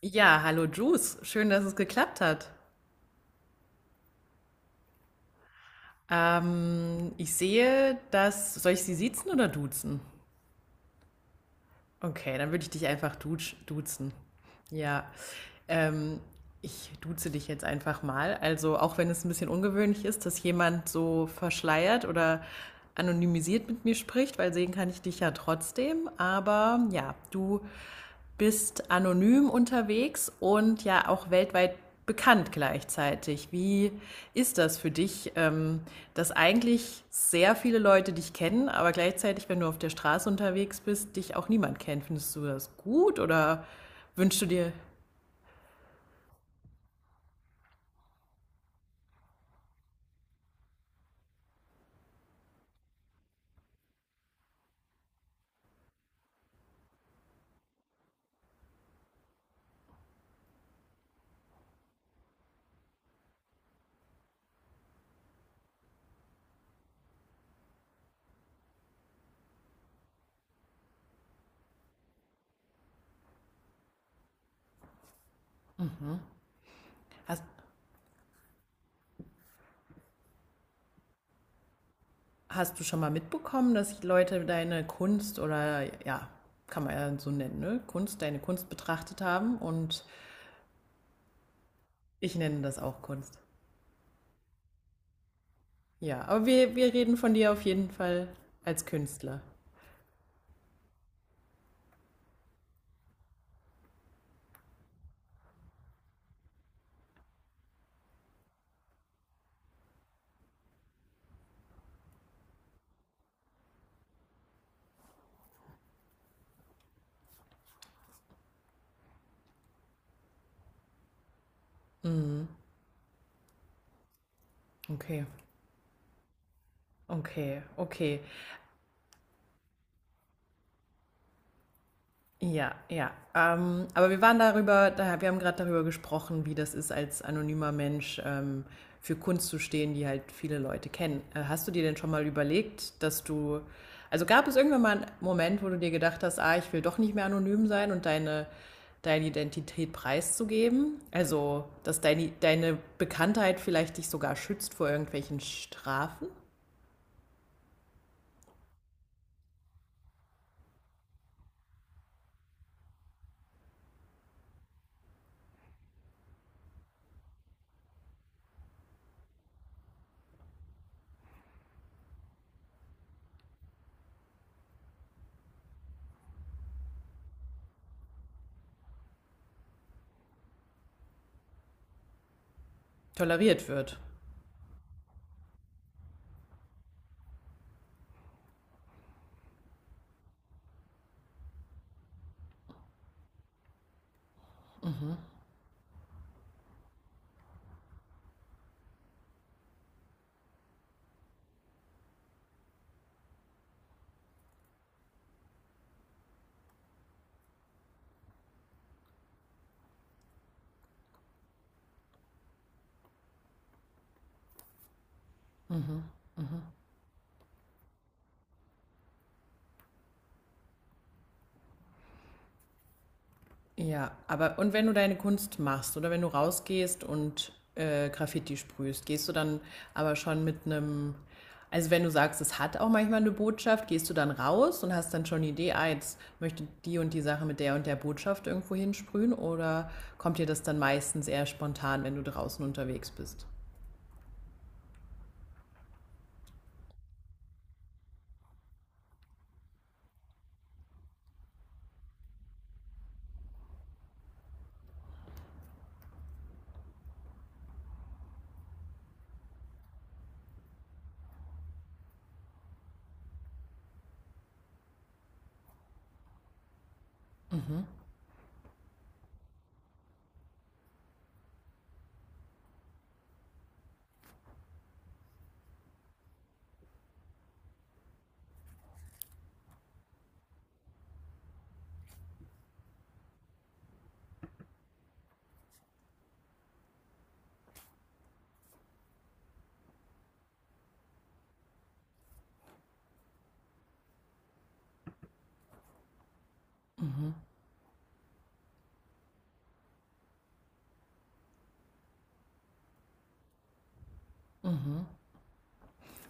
Ja, hallo Juice. Schön, dass es geklappt hat. Ich sehe, dass. Soll ich Sie siezen oder duzen? Okay, dann würde ich dich einfach duzen. Ja. Ähm, Ich duze dich jetzt einfach mal. Also auch wenn es ein bisschen ungewöhnlich ist, dass jemand so verschleiert oder anonymisiert mit mir spricht, weil sehen kann ich dich ja trotzdem. Aber ja, du bist anonym unterwegs und ja auch weltweit bekannt gleichzeitig. Wie ist das für dich, dass eigentlich sehr viele Leute dich kennen, aber gleichzeitig, wenn du auf der Straße unterwegs bist, dich auch niemand kennt? Findest du das gut oder wünschst du dir, hast, hast du schon mal mitbekommen, dass Leute deine Kunst oder ja, kann man ja so nennen, ne? Kunst, deine Kunst betrachtet haben und ich nenne das auch Kunst. Ja, aber wir reden von dir auf jeden Fall als Künstler. Okay, okay. Ja, ja. Aber wir waren darüber, wir haben gerade darüber gesprochen, wie das ist, als anonymer Mensch für Kunst zu stehen, die halt viele Leute kennen. Hast du dir denn schon mal überlegt, dass du, also gab es irgendwann mal einen Moment, wo du dir gedacht hast, ah, ich will doch nicht mehr anonym sein und deine Identität preiszugeben? Also, dass deine Bekanntheit vielleicht dich sogar schützt vor irgendwelchen Strafen, toleriert wird? Ja, aber und wenn du deine Kunst machst oder wenn du rausgehst und Graffiti sprühst, gehst du dann aber schon mit einem, also wenn du sagst, es hat auch manchmal eine Botschaft, gehst du dann raus und hast dann schon die Idee, ah, jetzt möchte die und die Sache mit der und der Botschaft irgendwo hinsprühen oder kommt dir das dann meistens eher spontan, wenn du draußen unterwegs bist?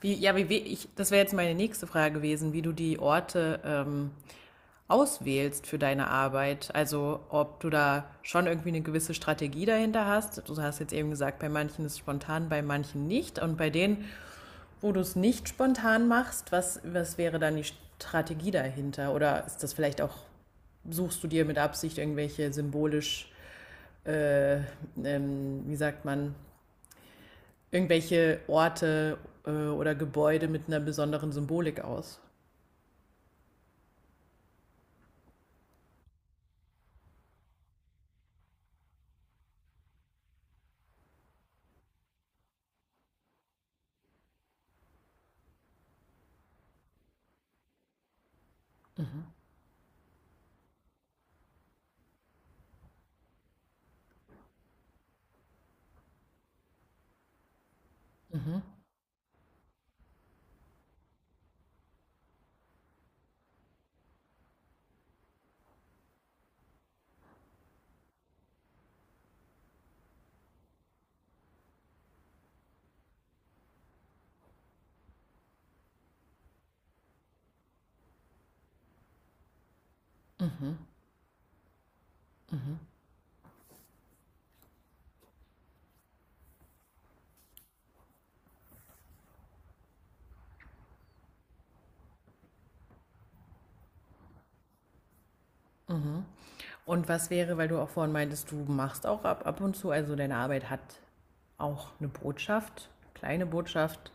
Wie, ja, wie, we- ich, das wäre jetzt meine nächste Frage gewesen, wie du die Orte auswählst für deine Arbeit. Also ob du da schon irgendwie eine gewisse Strategie dahinter hast. Du hast jetzt eben gesagt, bei manchen ist es spontan, bei manchen nicht. Und bei denen, wo du es nicht spontan machst, was wäre dann die Strategie dahinter? Oder ist das vielleicht auch, suchst du dir mit Absicht irgendwelche symbolisch, äh, wie sagt man, irgendwelche Orte oder Gebäude mit einer besonderen Symbolik aus? Mhm. Und was wäre, weil du auch vorhin meintest, du machst auch ab und zu, also deine Arbeit hat auch eine Botschaft, kleine Botschaft.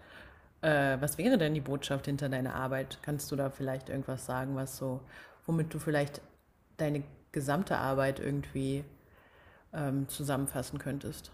Was wäre denn die Botschaft hinter deiner Arbeit? Kannst du da vielleicht irgendwas sagen, was so, womit du vielleicht deine gesamte Arbeit irgendwie zusammenfassen könntest?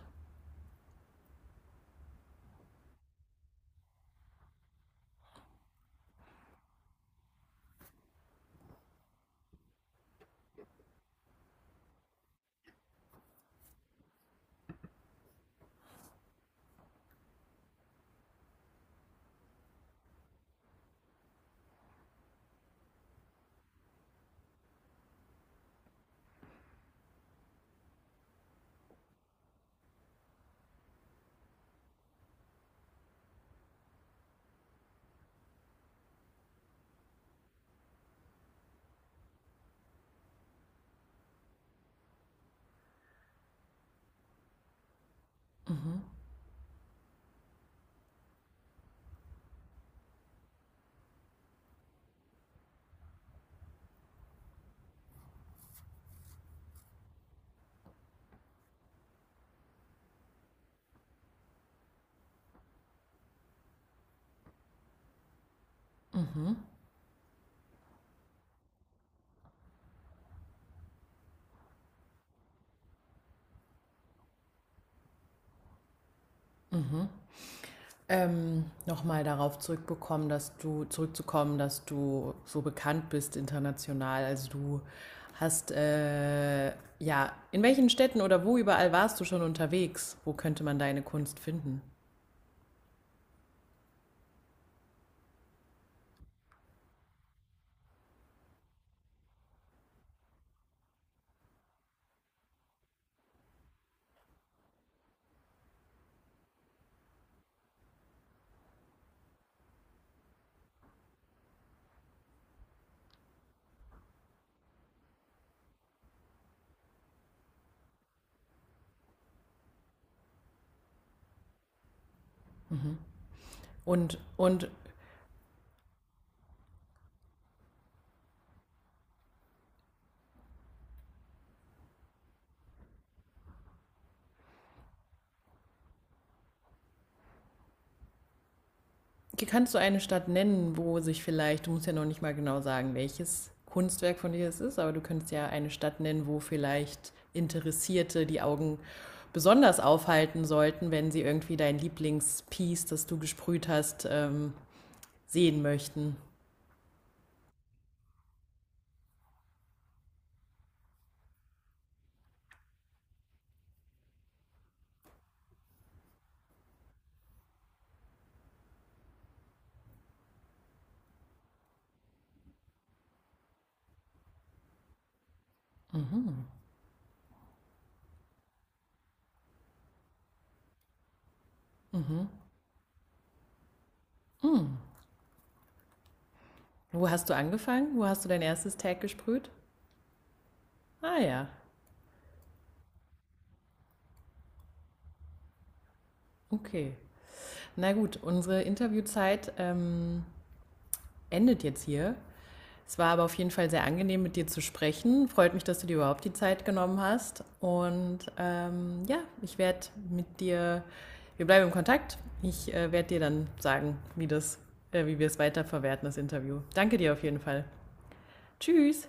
Nochmal darauf zurückbekommen, dass du zurückzukommen, dass du so bekannt bist international. Also du hast ja, in welchen Städten oder wo überall warst du schon unterwegs? Wo könnte man deine Kunst finden? Und kannst du eine Stadt nennen, wo sich vielleicht, du musst ja noch nicht mal genau sagen, welches Kunstwerk von dir es ist, aber du könntest ja eine Stadt nennen, wo vielleicht Interessierte die Augen besonders aufhalten sollten, wenn sie irgendwie dein Lieblingspiece, das du gesprüht hast, sehen möchten. Wo hast du angefangen? Wo hast du dein erstes Tag gesprüht? Ah ja, okay. Na gut, unsere Interviewzeit endet jetzt hier. Es war aber auf jeden Fall sehr angenehm, mit dir zu sprechen. Freut mich, dass du dir überhaupt die Zeit genommen hast. Und ja, ich werde mit dir, wir bleiben im Kontakt. Ich werde dir dann sagen, wie wir es weiterverwerten, das Interview. Danke dir auf jeden Fall. Tschüss.